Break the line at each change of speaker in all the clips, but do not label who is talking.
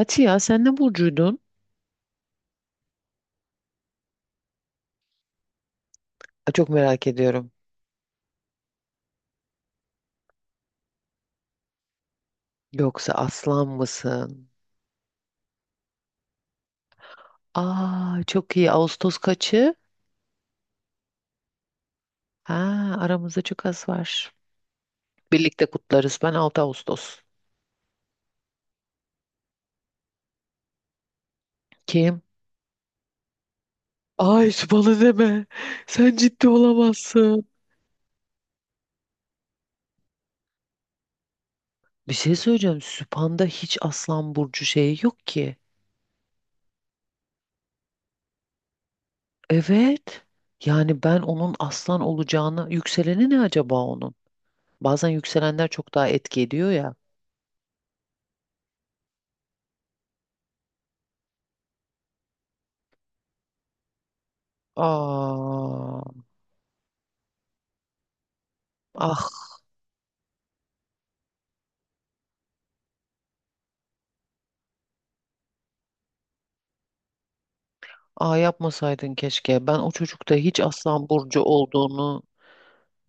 Ati ya sen ne burcuydun? Aa, çok merak ediyorum. Yoksa aslan mısın? Aa, çok iyi. Ağustos kaçı? Ha, aramızda çok az var. Birlikte kutlarız. Ben 6 Ağustos. Kim? Ay, bana deme. Sen ciddi olamazsın. Bir şey söyleyeceğim. Süphan'da hiç aslan burcu şeyi yok ki. Evet. Yani ben onun aslan olacağını... Yükseleni ne acaba onun? Bazen yükselenler çok daha etki ediyor ya. Aa, ah. Aa, yapmasaydın keşke. Ben o çocukta hiç Aslan Burcu olduğunu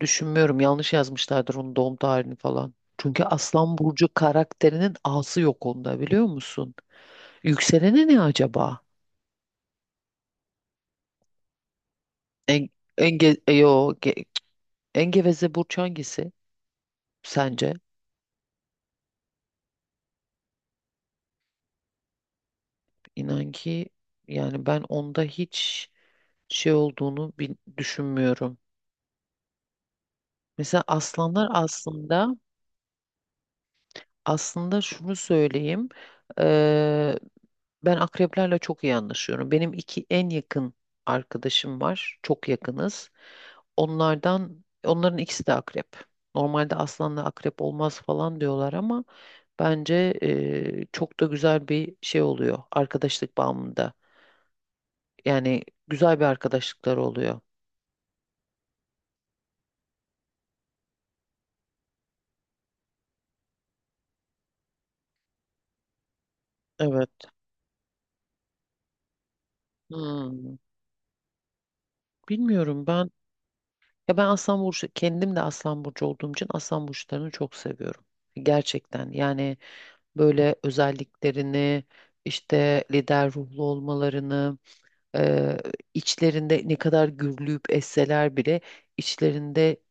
düşünmüyorum. Yanlış yazmışlardır onun doğum tarihini falan. Çünkü Aslan Burcu karakterinin A'sı yok onda, biliyor musun? Yükseleni ne acaba? En, enge, e, yo, ge- en geveze burç hangisi sence? İnan ki yani ben onda hiç şey olduğunu düşünmüyorum. Mesela aslanlar aslında, şunu söyleyeyim. Ben akreplerle çok iyi anlaşıyorum. Benim iki en yakın arkadaşım var. Çok yakınız. Onların ikisi de akrep. Normalde aslanla akrep olmaz falan diyorlar ama bence çok da güzel bir şey oluyor arkadaşlık bağımında. Yani güzel bir arkadaşlıklar oluyor. Evet. Hmm, Bilmiyorum ben. Ya ben Aslan Burcu, kendim de Aslan Burcu olduğum için Aslan Burçlarını çok seviyorum. Gerçekten yani böyle özelliklerini, işte lider ruhlu olmalarını, eee, içlerinde ne kadar gürlüyüp esseler bile içlerinde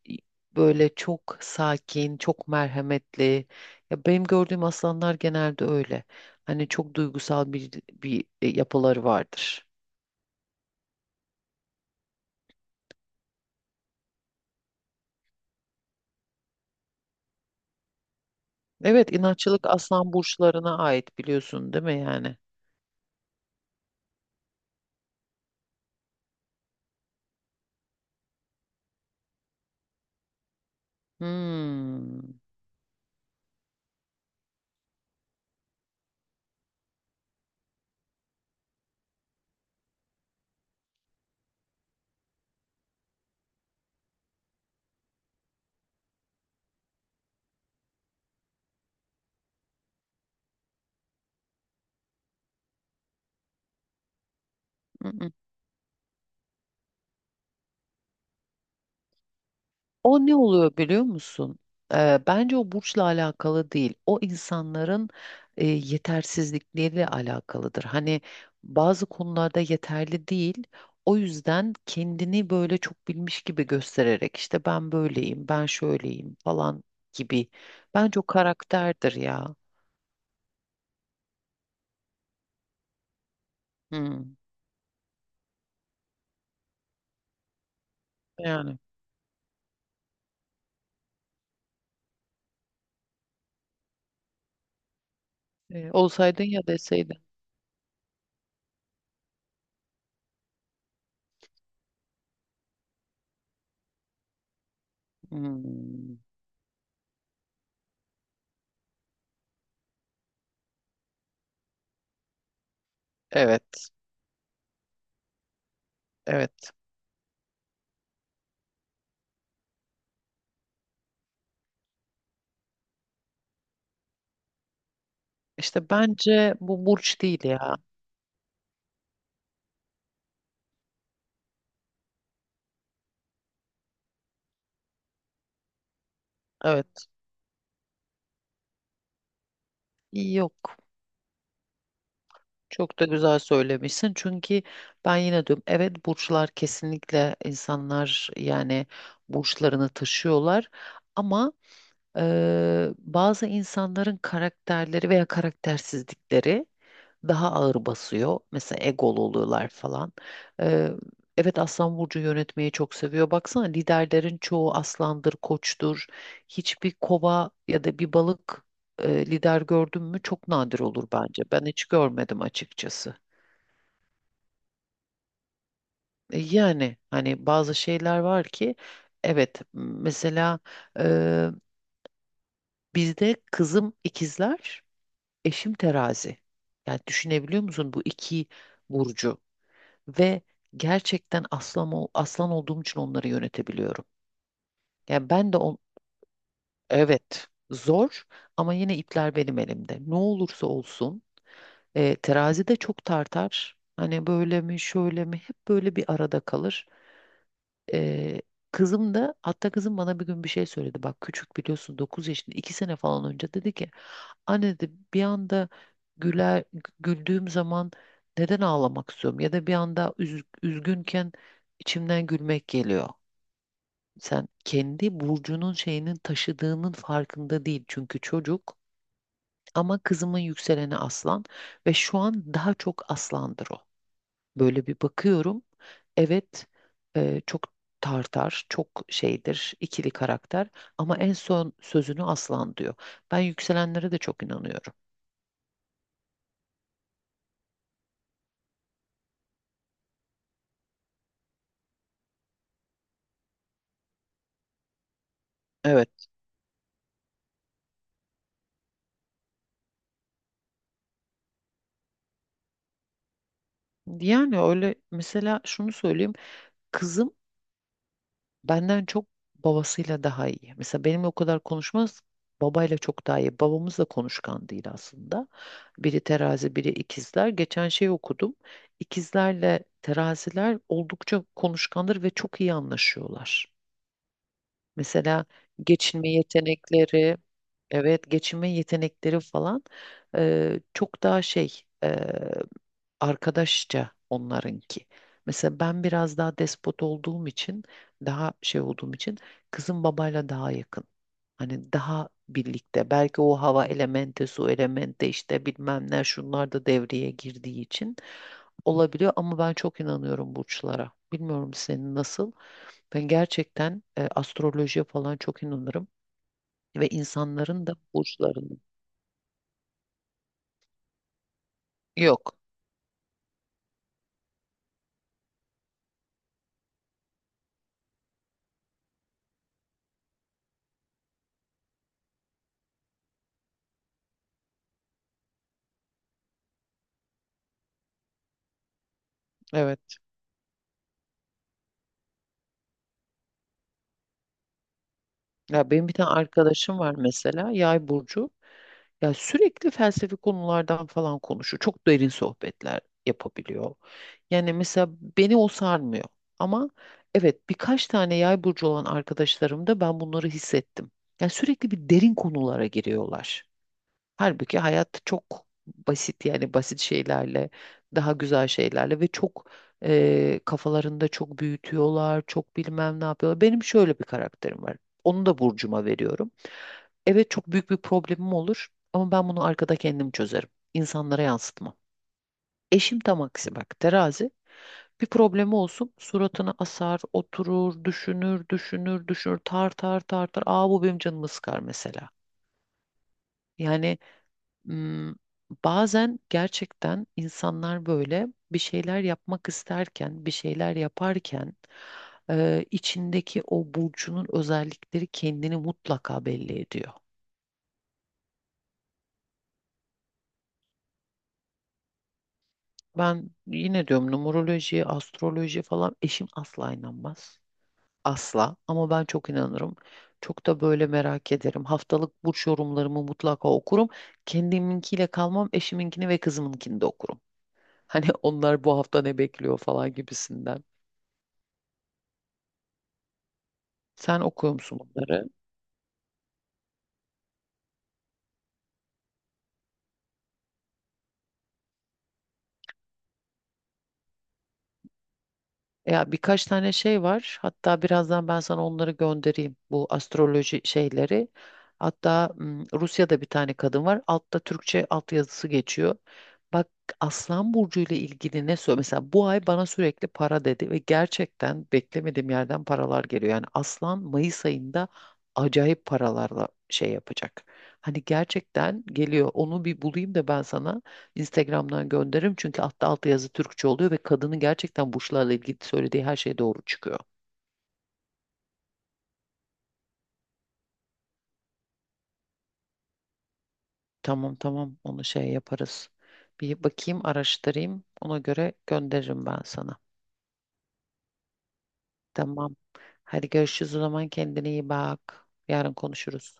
böyle çok sakin, çok merhametli. Ya benim gördüğüm aslanlar genelde öyle. Hani çok duygusal bir yapıları vardır. Evet, inatçılık aslan burçlarına ait, biliyorsun değil mi yani? Hmm. O ne oluyor biliyor musun? Bence o burçla alakalı değil. O insanların yetersizlikleriyle alakalıdır. Hani bazı konularda yeterli değil. O yüzden kendini böyle çok bilmiş gibi göstererek işte ben böyleyim, ben şöyleyim falan gibi. Bence o karakterdir ya. Hmm, Yani olsaydın ya deseydin. Hmm, evet, evet. İşte bence bu burç değil ya. Evet, yok. Çok da güzel söylemişsin. Çünkü ben yine diyorum evet, burçlar kesinlikle insanlar yani burçlarını taşıyorlar. Ama bazı insanların karakterleri veya karaktersizlikleri daha ağır basıyor. Mesela egolu oluyorlar falan. Eee, evet, Aslan Burcu yönetmeyi çok seviyor. Baksana liderlerin çoğu aslandır, koçtur. Hiçbir kova ya da bir balık lider gördün mü? Çok nadir olur bence. Ben hiç görmedim açıkçası. Yani hani bazı şeyler var ki evet, mesela eee, bizde kızım ikizler. Eşim terazi. Yani düşünebiliyor musun bu iki burcu ve gerçekten aslan olduğum için onları yönetebiliyorum. Yani ben de evet, zor ama yine ipler benim elimde. Ne olursa olsun terazi de çok tartar. Hani böyle mi şöyle mi, hep böyle bir arada kalır. Ee, Kızım da, hatta kızım bana bir gün bir şey söyledi. Bak, küçük biliyorsun, 9 yaşında, 2 sene falan önce dedi ki anne dedi, bir anda güler güldüğüm zaman neden ağlamak istiyorum ya da bir anda üzgünken içimden gülmek geliyor. Sen kendi burcunun şeyinin taşıdığının farkında değil çünkü çocuk, ama kızımın yükseleni aslan ve şu an daha çok aslandır o. Böyle bir bakıyorum. Evet, çok tartar, çok şeydir, ikili karakter ama en son sözünü aslan diyor. Ben yükselenlere de çok inanıyorum. Evet. Yani öyle, mesela şunu söyleyeyim. Kızım benden çok babasıyla daha iyi. Mesela benimle o kadar konuşmaz. Babayla çok daha iyi. Babamız da konuşkan değil aslında. Biri terazi, biri ikizler. Geçen şey okudum. İkizlerle teraziler oldukça konuşkandır ve çok iyi anlaşıyorlar. Mesela geçinme yetenekleri, evet, geçinme yetenekleri falan çok daha şey, e, arkadaşça onlarınki. Mesela ben biraz daha despot olduğum için, daha şey olduğum için kızım babayla daha yakın. Hani daha birlikte. Belki o hava elementi, su elementi işte bilmem ne, şunlar da devreye girdiği için olabiliyor ama ben çok inanıyorum burçlara. Bilmiyorum, senin nasıl? Ben gerçekten astrolojiye falan çok inanırım ve insanların da burçlarını. Yok. Evet. Ya benim bir tane arkadaşım var mesela, Yay burcu. Ya sürekli felsefi konulardan falan konuşuyor. Çok derin sohbetler yapabiliyor. Yani mesela beni o sarmıyor. Ama evet, birkaç tane Yay burcu olan arkadaşlarımda ben bunları hissettim. Yani sürekli bir derin konulara giriyorlar. Halbuki hayat çok basit, yani basit şeylerle, daha güzel şeylerle ve çok kafalarında çok büyütüyorlar, çok bilmem ne yapıyorlar. Benim şöyle bir karakterim var. Onu da burcuma veriyorum. Evet, çok büyük bir problemim olur ama ben bunu arkada kendim çözerim. İnsanlara yansıtmam. Eşim tam aksi bak, terazi. Bir problemi olsun suratına asar, oturur, düşünür, düşünür, düşünür, tar tar tar tar. Aa, bu benim canımı sıkar mesela. Yani m, bazen gerçekten insanlar böyle bir şeyler yapmak isterken, bir şeyler yaparken içindeki o burcunun özellikleri kendini mutlaka belli ediyor. Ben yine diyorum, numeroloji, astroloji falan eşim asla inanmaz. Asla, ama ben çok inanırım. Çok da böyle merak ederim. Haftalık burç yorumlarımı mutlaka okurum. Kendiminkiyle kalmam, eşiminkini ve kızımınkini de okurum. Hani onlar bu hafta ne bekliyor falan gibisinden. Sen okuyor musun bunları? Ya birkaç tane şey var. Hatta birazdan ben sana onları göndereyim, bu astroloji şeyleri. Hatta Rusya'da bir tane kadın var. Altta Türkçe altyazısı geçiyor. Bak, Aslan Burcu ile ilgili ne söylüyor? Mesela bu ay bana sürekli para dedi ve gerçekten beklemediğim yerden paralar geliyor. Yani Aslan Mayıs ayında acayip paralarla şey yapacak. Hani gerçekten geliyor. Onu bir bulayım da ben sana Instagram'dan gönderirim, çünkü altta alt yazı Türkçe oluyor ve kadının gerçekten burçlarla ilgili söylediği her şey doğru çıkıyor. Tamam, tamam, onu şey yaparız. Bir bakayım, araştırayım, ona göre gönderirim ben sana. Tamam. Hadi görüşürüz o zaman, kendine iyi bak. Yarın konuşuruz.